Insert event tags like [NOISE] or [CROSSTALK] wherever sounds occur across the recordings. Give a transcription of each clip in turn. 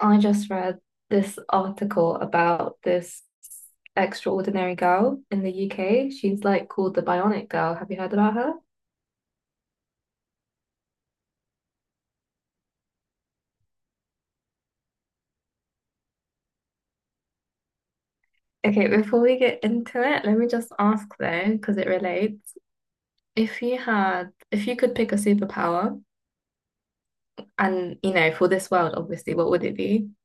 I just read this article about this extraordinary girl in the UK. She's like called the Bionic Girl. Have you heard about her? Okay, before we get into it, let me just ask though, because it relates. If you could pick a superpower and, you know, for this world, obviously, what would it be? [LAUGHS]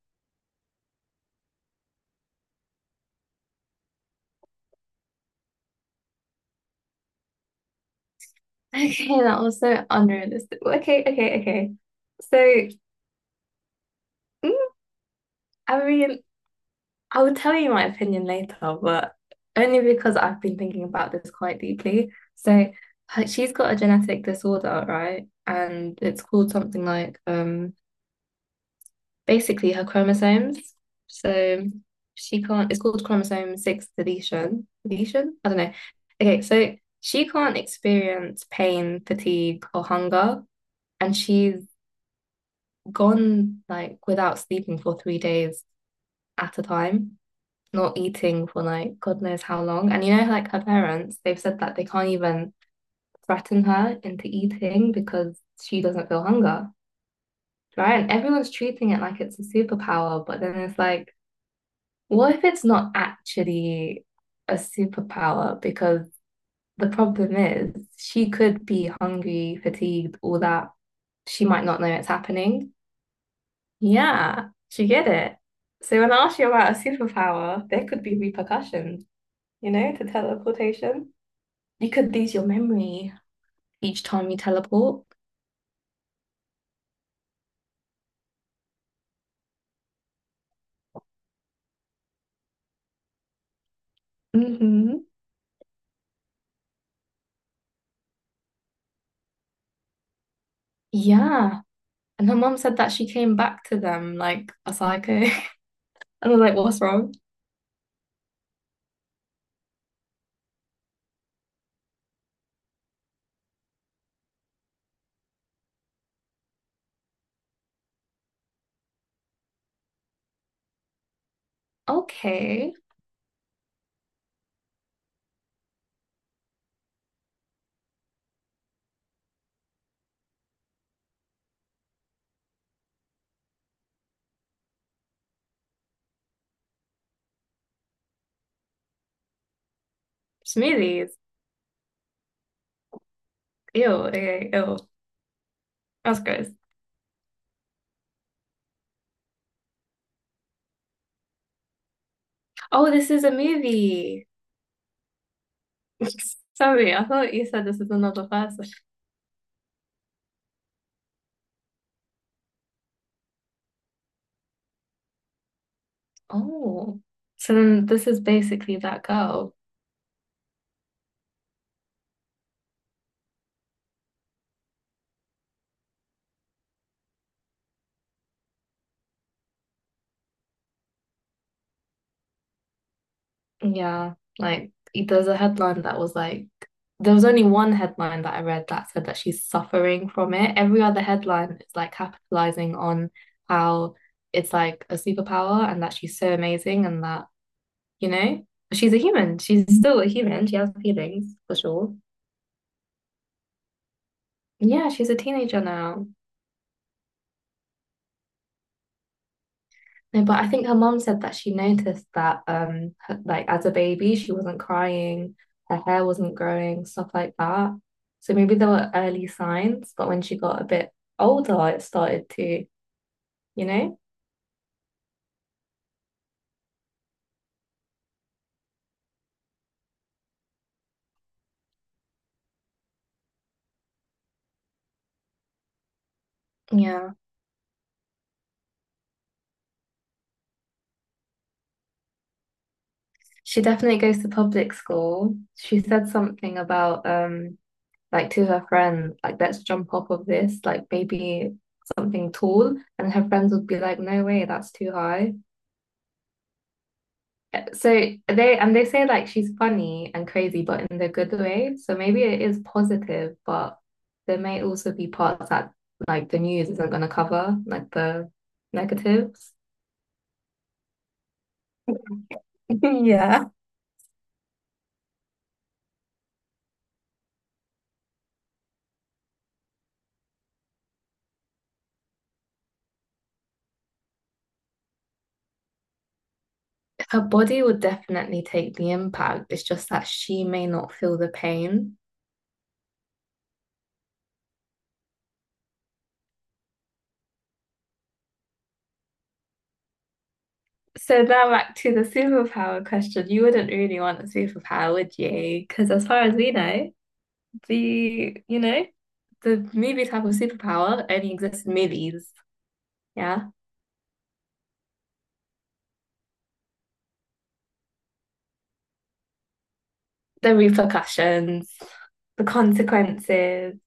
Okay, that was so unrealistic. Okay, okay, okay. So, mm, I mean, I will tell you my opinion later, but only because I've been thinking about this quite deeply. So she's got a genetic disorder, right? And it's called something like basically her chromosomes. So she can't, it's called chromosome six deletion. Deletion? I don't know. Okay, so she can't experience pain, fatigue, or hunger, and she's gone like without sleeping for 3 days at a time. Not eating for like God knows how long. And you know, like her parents, they've said that they can't even threaten her into eating because she doesn't feel hunger, right? And everyone's treating it like it's a superpower, but then it's like, what if it's not actually a superpower? Because the problem is she could be hungry, fatigued, all that. She might not know it's happening. Yeah, she get it. So when I ask you about a superpower, there could be repercussions, you know, to teleportation. You could lose your memory each time you teleport. Mm-hmm. Yeah. And her mum said that she came back to them like a psycho. [LAUGHS] And I was like, what's wrong? Okay. Smoothies. Ew, okay, ew. That's gross. Oh, this is a movie. [LAUGHS] Sorry, I thought you said this is another person. Oh. So then this is basically that girl. Yeah, like there's a headline that was like there was only one headline that I read that said that she's suffering from it. Every other headline is like capitalizing on how it's like a superpower and that she's so amazing and that, you know, she's a human. She's still a human. She has feelings for sure. Yeah, she's a teenager now. No, but I think her mom said that she noticed that, like as a baby, she wasn't crying, her hair wasn't growing, stuff like that. So maybe there were early signs, but when she got a bit older, it started to, you know? Yeah. She definitely goes to public school. She said something about, like to her friend, like, let's jump off of this, like maybe something tall. And her friends would be like, no way, that's too high. So they say like she's funny and crazy, but in the good way. So maybe it is positive, but there may also be parts that like the news isn't going to cover, like the negatives. [LAUGHS] Yeah. Her body would definitely take the impact. It's just that she may not feel the pain. So now back to the superpower question. You wouldn't really want a superpower, would you? Because as far as we know, the you know, the movie type of superpower only exists in movies. Yeah. The repercussions, the consequences.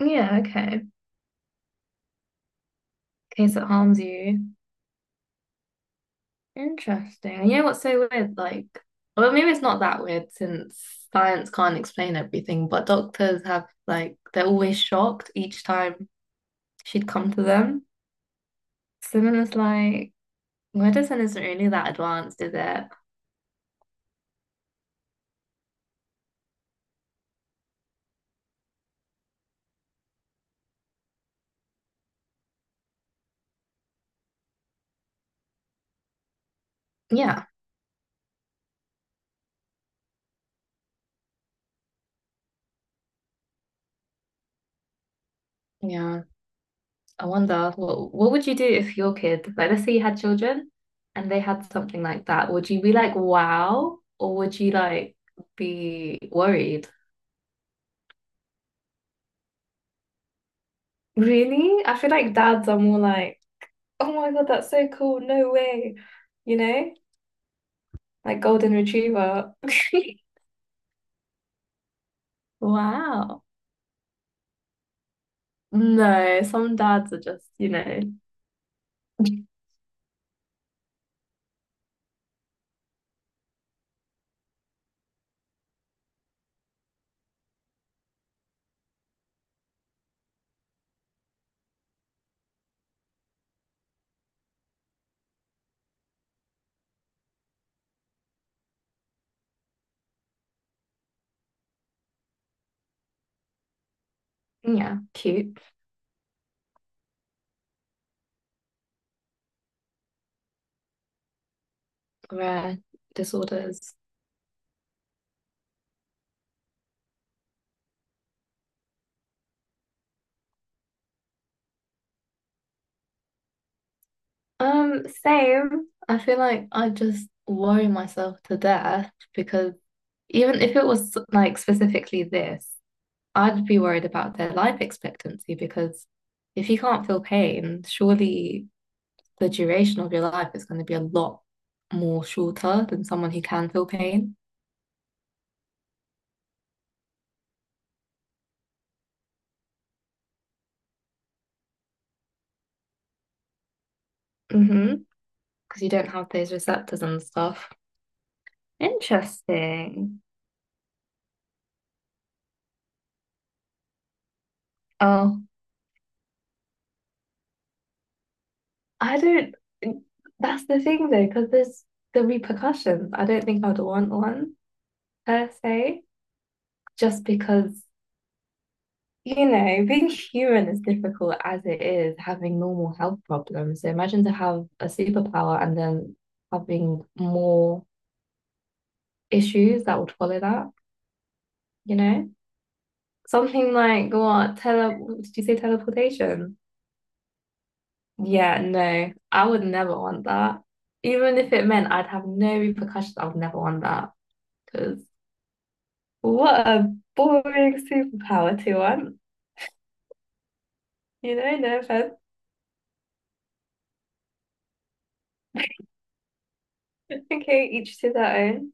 Yeah, okay. In case it harms you. Interesting. You know what's so weird? Like, well, maybe it's not that weird since science can't explain everything, but doctors have, like, they're always shocked each time she'd come to them. So then it's like, medicine isn't really that advanced, is it? Yeah. Yeah. I wonder what would you do if your kid, like let's say you had children and they had something like that, would you be like, wow, or would you like be worried? Really? I feel like dads are more like, oh my God, that's so cool, no way. You know? Like golden retriever. [LAUGHS] Wow. No, some dads are just, you know, [LAUGHS] yeah, cute, rare disorders. Same. I feel like I just worry myself to death because even if it was like specifically this, I'd be worried about their life expectancy because if you can't feel pain, surely the duration of your life is going to be a lot more shorter than someone who can feel pain. Mm-hmm. Because you don't have those receptors and stuff. Interesting. Oh, I don't. That's the thing though, because there's the repercussions. I don't think I'd want one per se, just because, you know, being human is difficult as it is, having normal health problems. So imagine to have a superpower and then having more issues that would follow that, you know? Something like what? Tele did you say teleportation? Yeah, no, I would never want that. Even if it meant I'd have no repercussions, I would never want that. Because what a boring superpower to want. You know, no offense. Okay, each to their own.